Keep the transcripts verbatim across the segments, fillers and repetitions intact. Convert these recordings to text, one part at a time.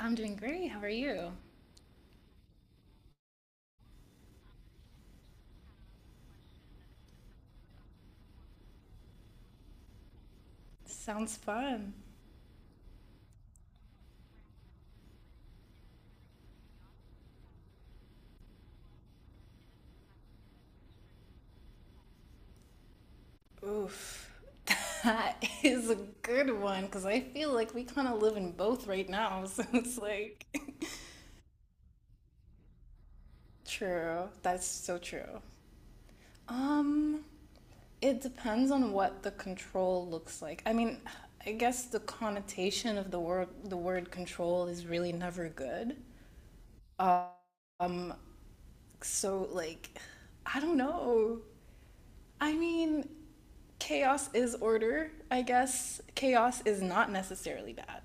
I'm doing great. How are you? Sounds fun. Oof. That is a good one because I feel like we kind of live in both right now. So it's like, true. That's so true. Um, it depends on what the control looks like. I mean, I guess the connotation of the word the word control is really never good. Um, so like, I don't know. I mean, chaos is order, I guess. Chaos is not necessarily bad.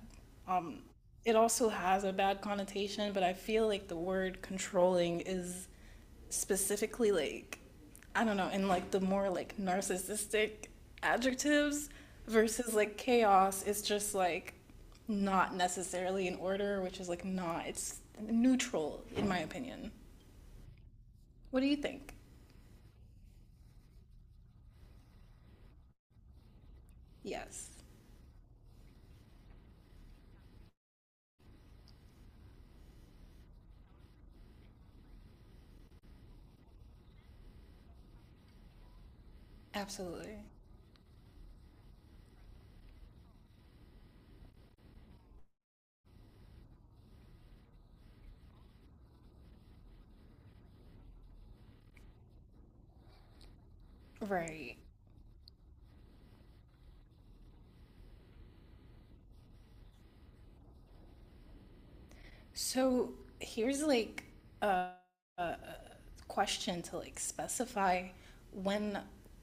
Um, it also has a bad connotation, but I feel like the word controlling is specifically like, I don't know, in like the more like narcissistic adjectives versus like chaos is just like not necessarily in order, which is like not, it's neutral in my opinion. What do you think? Yes, absolutely. Right. So here's like a question to like specify when,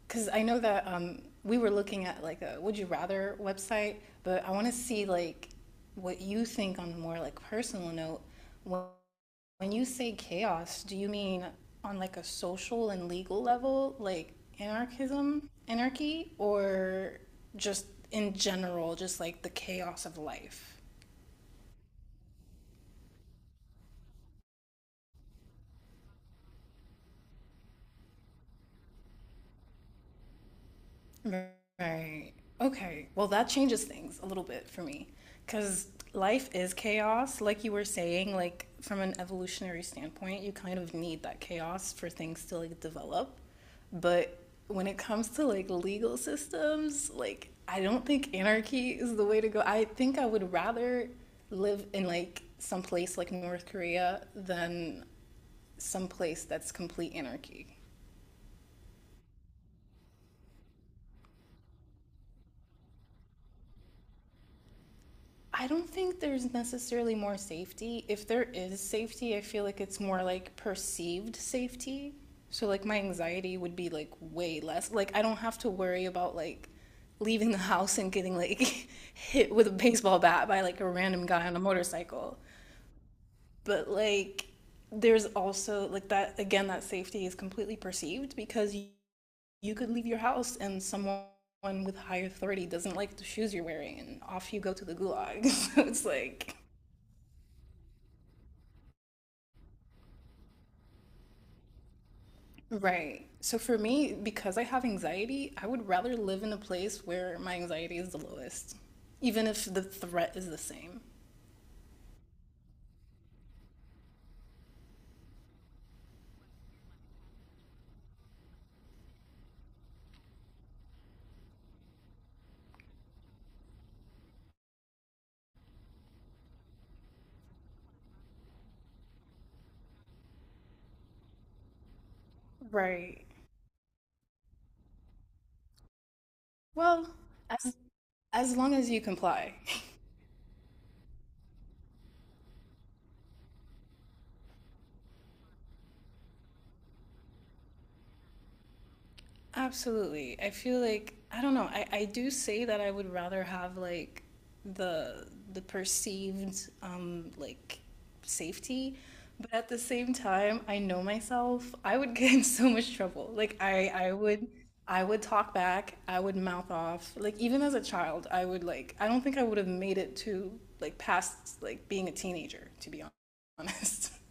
because I know that um, we were looking at like a would you rather website, but I want to see like what you think on a more like personal note. When, when you say chaos, do you mean on like a social and legal level, like anarchism, anarchy, or just in general, just like the chaos of life? Right. Okay. Well, that changes things a little bit for me because life is chaos. Like you were saying, like from an evolutionary standpoint, you kind of need that chaos for things to like develop. But when it comes to like legal systems, like I don't think anarchy is the way to go. I think I would rather live in like some place like North Korea than some place that's complete anarchy. I don't think there's necessarily more safety. If there is safety, I feel like it's more like perceived safety. So like my anxiety would be like way less. Like I don't have to worry about like leaving the house and getting like hit with a baseball bat by like a random guy on a motorcycle. But like there's also like that again that safety is completely perceived because you, you could leave your house and someone with higher authority doesn't like the shoes you're wearing and off you go to the gulag. So it's like right. So for me, because I have anxiety, I would rather live in a place where my anxiety is the lowest, even if the threat is the same. Right. Well, as as long as you comply. Absolutely. I feel like I don't know. I, I do say that I would rather have like the the perceived um like safety, but at the same time, I know myself. I would get in so much trouble. Like I I would I would talk back. I would mouth off. Like even as a child, I would like I don't think I would have made it to like past like being a teenager, to be honest.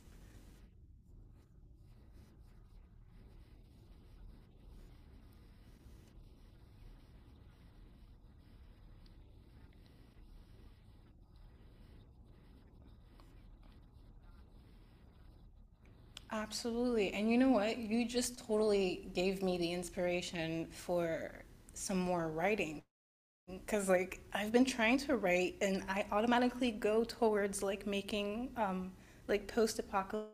Absolutely. And you know what? You just totally gave me the inspiration for some more writing because like I've been trying to write and I automatically go towards like making um like post-apocalyptic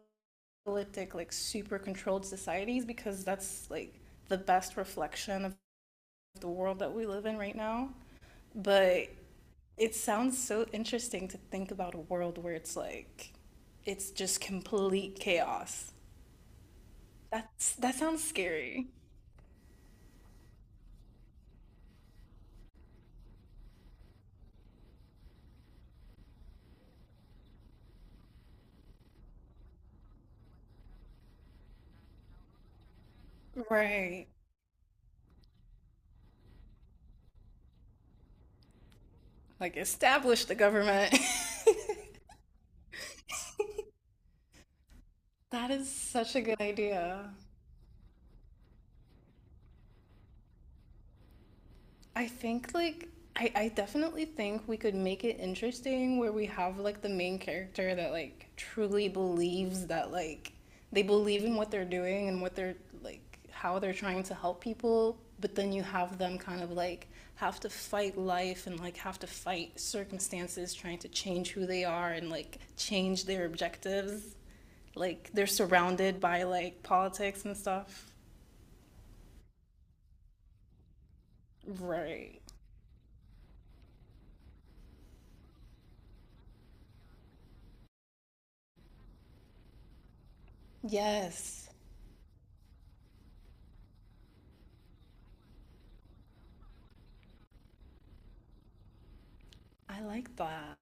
like super controlled societies because that's like the best reflection of the world that we live in right now. But it sounds so interesting to think about a world where it's like it's just complete chaos. That's that sounds scary. Right. Like establish the government. That is such a good idea. I think like I, I definitely think we could make it interesting where we have like the main character that like truly believes that like they believe in what they're doing and what they're like how they're trying to help people, but then you have them kind of like have to fight life and like have to fight circumstances trying to change who they are and like change their objectives. Like they're surrounded by like politics and stuff. Right. Yes. I like that.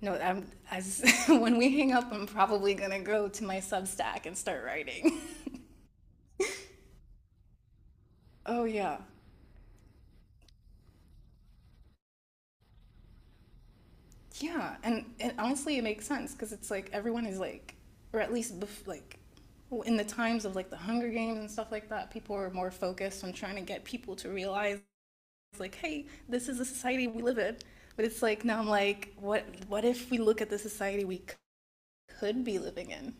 No, I'm, as when we hang up, I'm probably gonna go to my Substack and start writing. Oh yeah, yeah, and and honestly, it makes sense because it's like everyone is like, or at least bef- like, in the times of like the Hunger Games and stuff like that, people are more focused on trying to get people to realize like, hey, this is the society we live in. But it's like now I'm like, what what if we look at the society we c- could be living in?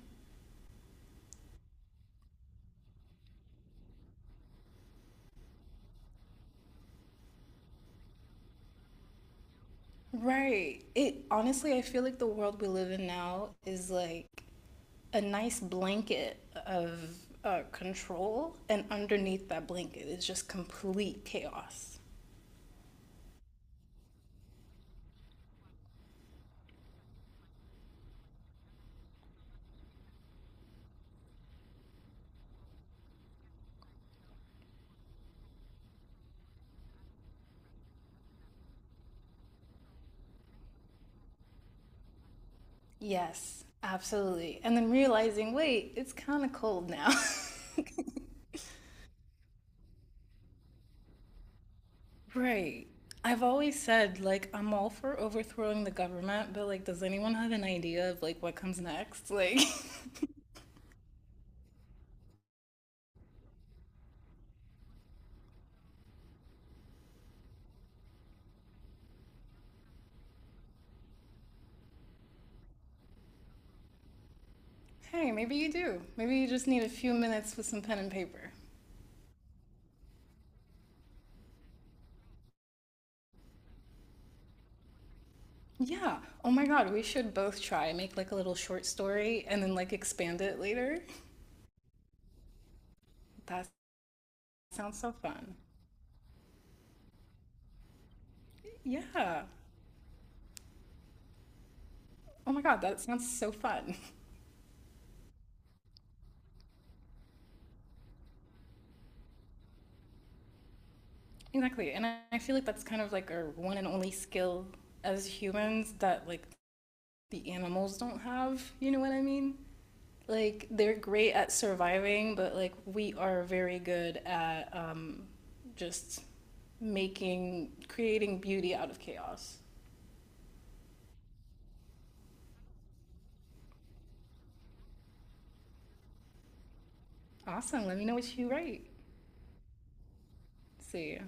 Right. It honestly, I feel like the world we live in now is like a nice blanket of uh, control, and underneath that blanket is just complete chaos. Yes, absolutely. And then realizing, wait, it's kind of cold now. Right. I've always said, like, I'm all for overthrowing the government, but, like, does anyone have an idea of, like, what comes next? Like, hey, maybe you do. Maybe you just need a few minutes with some pen and paper. Yeah. Oh my God, we should both try. Make, like, a little short story and then, like, expand it later. That sounds so fun. Yeah. Oh my God, that sounds so fun. Exactly. And I, I feel like that's kind of like our one and only skill as humans that like the animals don't have. You know what I mean? Like they're great at surviving, but like we are very good at um, just making, creating beauty out of chaos. Awesome. Let me know what you write. See ya.